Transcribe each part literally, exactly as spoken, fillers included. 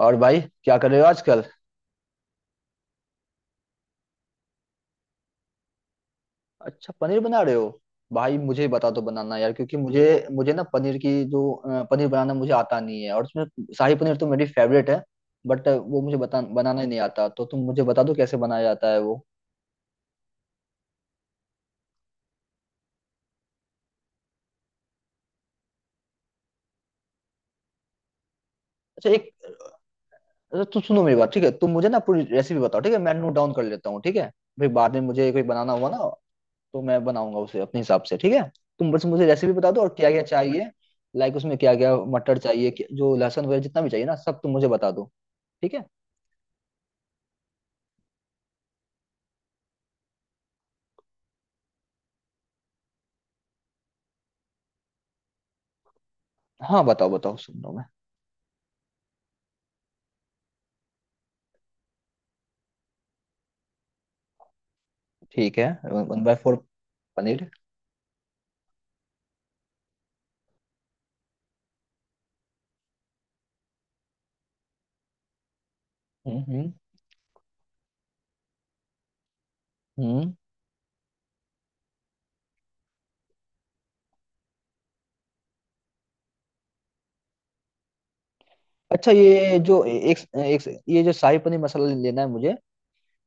और भाई क्या कर रहे हो आजकल। अच्छा, पनीर बना रहे हो। भाई मुझे बता दो बनाना यार, क्योंकि मुझे मुझे ना पनीर की जो अ, पनीर बनाना मुझे आता नहीं है, और उसमें शाही पनीर तो मेरी फेवरेट है। बट वो मुझे बता बनाना ही नहीं आता, तो तुम मुझे बता दो कैसे बनाया जाता है वो। अच्छा एक। अच्छा, तुम सुनो मेरी बात, ठीक है? तुम मुझे ना पूरी रेसिपी बताओ, ठीक है, मैं नोट डाउन कर लेता हूँ ठीक है। फिर बाद में मुझे कोई बनाना हुआ ना, तो मैं बनाऊंगा उसे अपने हिसाब से, ठीक है। तुम बस मुझे रेसिपी बता दो, और क्या क्या चाहिए। लाइक उसमें क्या क्या मटर चाहिए क्या- जो लहसुन वगैरह जितना भी चाहिए ना, सब तुम मुझे बता दो। ठीक है। हाँ बताओ बताओ, सुन रहा हूँ मैं। ठीक है। One by four paneer. हम्म हम्म। हम्म। अच्छा ये जो एक, एक ये जो शाही पनीर मसाला लेना है मुझे,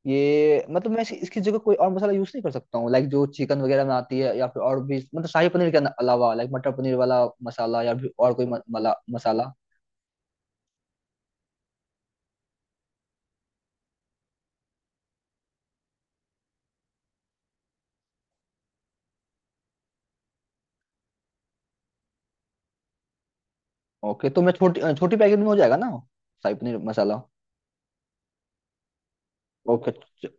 ये मतलब मैं इसकी इसकी जगह कोई और मसाला यूज नहीं कर सकता हूँ? लाइक जो चिकन वगैरह में आती है, या फिर और भी, मतलब शाही पनीर के अलावा लाइक मटर पनीर वाला मसाला या फिर और कोई म, मला, मसाला। ओके, तो मैं छोटी छोटी पैकेट में हो जाएगा ना, शाही पनीर मसाला। ओके च-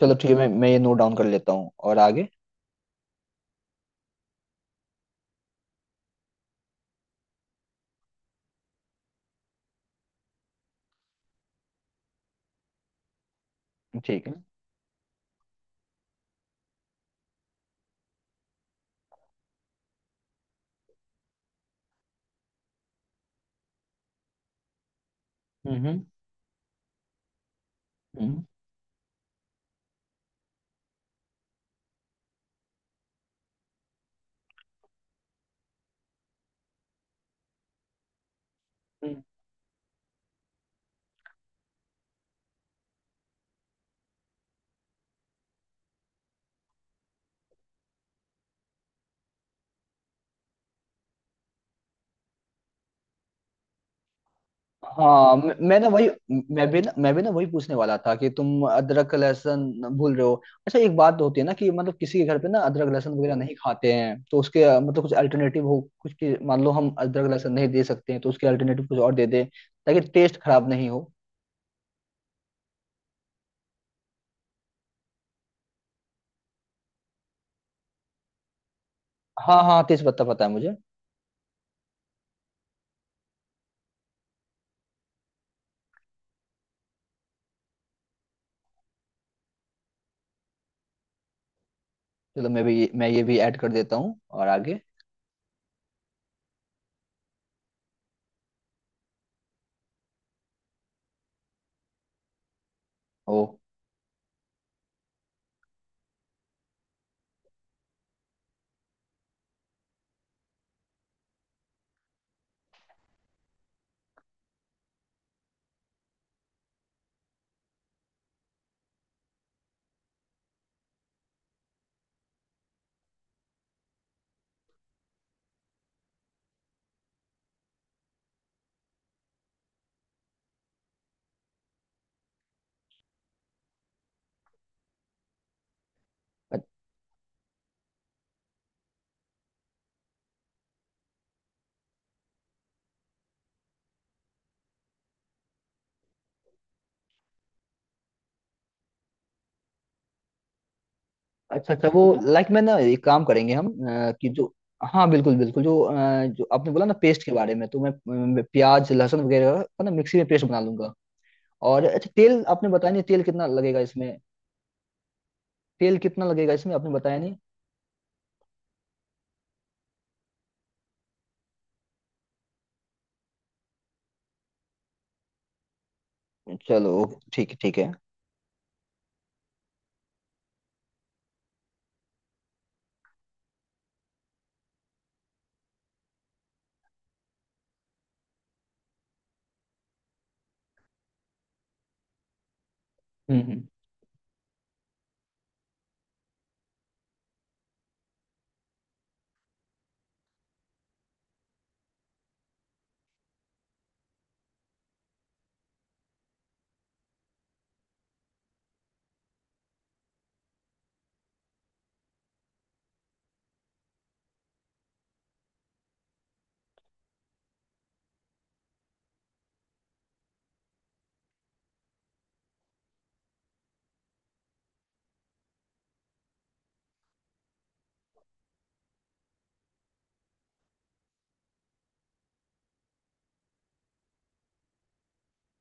चलो ठीक है, मैं मैं ये नोट डाउन कर लेता हूँ और आगे। ठीक है। हम्म हम्म। हम्म। हाँ म- मैं ना वही, मैं भी ना मैं भी ना वही पूछने वाला था कि तुम अदरक लहसुन भूल रहे हो। अच्छा एक बात होती है ना, कि मतलब किसी के घर पे ना अदरक लहसुन वगैरह नहीं खाते हैं, तो उसके अ, मतलब कुछ अल्टरनेटिव हो कुछ, कि मान लो हम अदरक लहसुन नहीं दे सकते हैं तो उसके अल्टरनेटिव कुछ और दे दें, ताकि टेस्ट खराब नहीं हो। हाँ हाँ, तेज पत्ता पता है मुझे। चलो मैं भी, मैं ये भी ऐड कर देता हूँ और आगे। ओ अच्छा अच्छा वो, लाइक मैं ना एक काम करेंगे हम अ, कि जो, हाँ बिल्कुल बिल्कुल, जो अ, जो आपने बोला ना पेस्ट के बारे में, तो मैं अ, प्याज लहसुन वगैरह का ना मिक्सी में पेस्ट बना लूंगा। और अच्छा तेल आपने बताया नहीं, तेल कितना लगेगा इसमें? तेल कितना लगेगा इसमें, आपने बताया नहीं? चलो ठीक है ठीक है। हम्म हम्म।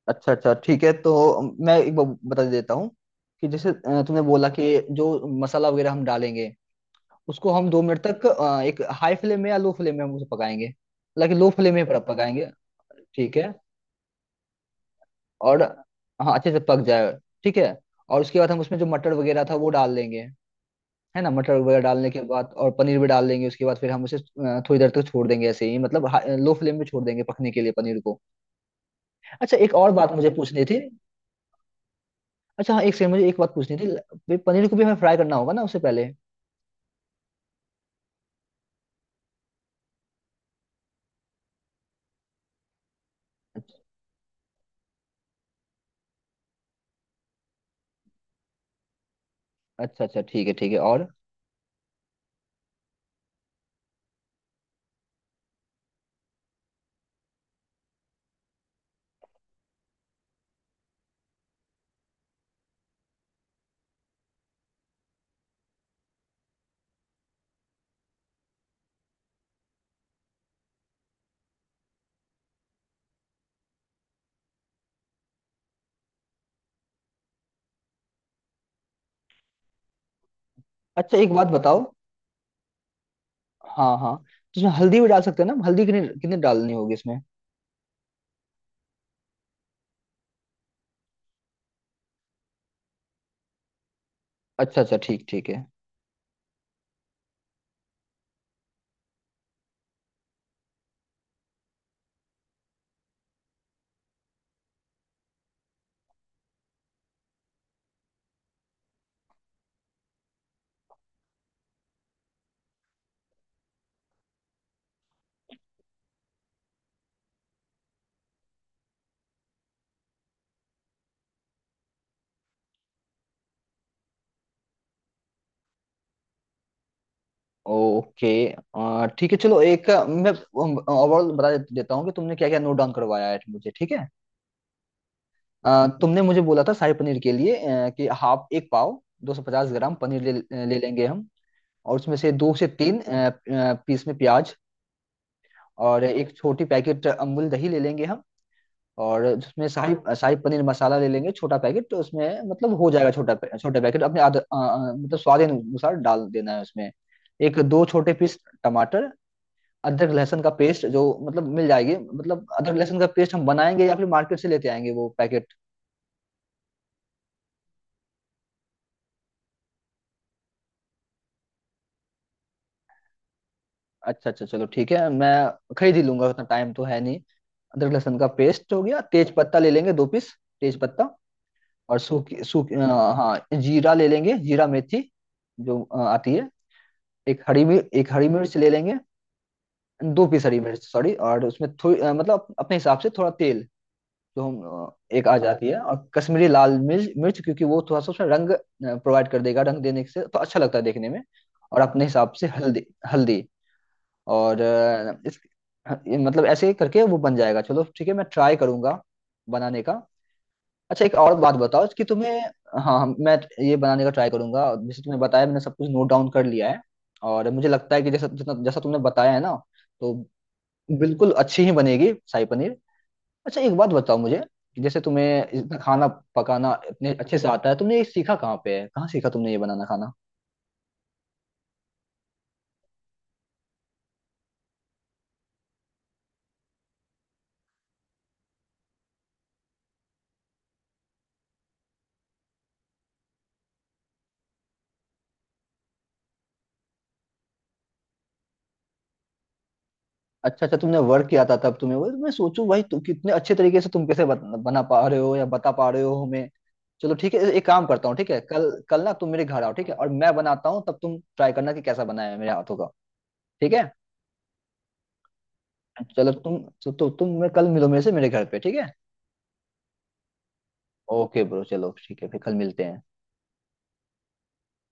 अच्छा अच्छा ठीक है, तो मैं एक बार बता देता हूँ कि जैसे अ, तुमने बोला कि जो मसाला वगैरह हम डालेंगे उसको हम दो मिनट तक अ, एक हाई फ्लेम में या लो फ्लेम में हम उसे पकाएंगे, हालांकि लो फ्लेम में पकाएंगे। ठीक है। और हाँ अच्छे से पक जाए। ठीक है। और उसके बाद हम उसमें जो मटर वगैरह था वो डाल देंगे, है ना। मटर वगैरह डालने के बाद और पनीर भी डाल देंगे, उसके बाद फिर हम उसे अ, थोड़ी देर तक छोड़ देंगे ऐसे ही, मतलब लो फ्लेम में छोड़ देंगे पकने के लिए पनीर को। अच्छा एक और बात मुझे पूछनी थी। अच्छा हाँ, एक सेकंड, मुझे एक बात पूछनी थी। वे पनीर को भी हमें फ्राई करना होगा ना उससे पहले? अच्छा अच्छा ठीक है ठीक है। और अच्छा एक बात बताओ। हाँ हाँ, तो इसमें हल्दी भी डाल सकते हैं ना हम? हल्दी कितनी कितनी डालनी होगी इसमें? अच्छा अच्छा ठीक ठीक है। ओके। आ, ठीक है, चलो एक आ, मैं ओवरऑल बता दे- देता हूँ कि तुमने क्या क्या नोट डाउन करवाया है मुझे, ठीक है। आ, तुमने मुझे बोला था शाही पनीर के लिए आ, कि हाफ एक पाव दो सौ पचास ग्राम पनीर ले, ले लेंगे हम। और उसमें से दो से तीन आ, आ, पीस में प्याज। और एक छोटी पैकेट अमूल दही ले लेंगे हम। और उसमें शाही, शाही पनीर मसाला ले लेंगे छोटा पैकेट, तो उसमें मतलब हो जाएगा छोटा पै- छोटा पैकेट, अपने आद, आ, आ, मतलब स्वाद अनुसार डाल देना है उसमें। एक दो छोटे पीस टमाटर। अदरक लहसुन का पेस्ट जो मतलब मिल जाएगी, मतलब अदरक लहसुन का पेस्ट हम बनाएंगे या फिर मार्केट से लेते आएंगे वो पैकेट। अच्छा अच्छा, चलो ठीक है, मैं खरीद ही लूंगा, उतना टाइम तो है नहीं। अदरक लहसुन का पेस्ट हो गया, तेज पत्ता ले लेंगे दो पीस, तेज पत्ता। और सूखी सूखी अ, हाँ जीरा ले लेंगे, जीरा मेथी जो अ, आती है। एक हरी मिर्च, एक हरी मिर्च ले लेंगे, दो पीस हरी मिर्च, सॉरी। और उसमें थोड़ी अ, मतलब अपने हिसाब से थोड़ा तेल जो हम अ, एक आ जाती है, और कश्मीरी लाल मिर्च, मिर्च, क्योंकि वो थोड़ा सा उसमें रंग प्रोवाइड कर देगा, रंग देने से तो अच्छा लगता है देखने में। और अपने हिसाब से हल्दी, हल्दी, और अ, इस ह- ये मतलब ऐसे करके वो बन जाएगा, चलो ठीक है मैं ट्राई करूंगा बनाने का। अच्छा एक और बात बताओ कि तुम्हें, हाँ हम- मैं ये बनाने का ट्राई करूंगा जैसे तुमने बताया, मैंने सब कुछ नोट डाउन कर लिया है। और मुझे लगता है कि जैसा जितना जैसा तुमने बताया है ना, तो बिल्कुल अच्छी ही बनेगी शाही पनीर। अच्छा एक बात बताओ मुझे, कि जैसे तुम्हें इतना खाना पकाना इतने अच्छे से आता है, तुमने ये सीखा कहाँ पे है, कहाँ सीखा तुमने ये बनाना खाना। अच्छा अच्छा, तुमने वर्क किया था तब, तुम्हें वो मैं सोचूं भाई, तुम कितने अच्छे तरीके से तुम कैसे बत, बना पा रहे हो या बता पा रहे हो हमें। चलो ठीक है, एक काम करता हूँ ठीक है, कल कल ना तुम मेरे घर आओ, ठीक है, और मैं बनाता हूँ, तब तुम ट्राई करना कि कैसा बना है मेरे हाथों का। ठीक है, चलो तुम, तो, तो तुम मैं कल मिलो मेरे से मेरे घर पे, ठीक है। ओके ब्रो, चलो ठीक है फिर कल मिलते हैं।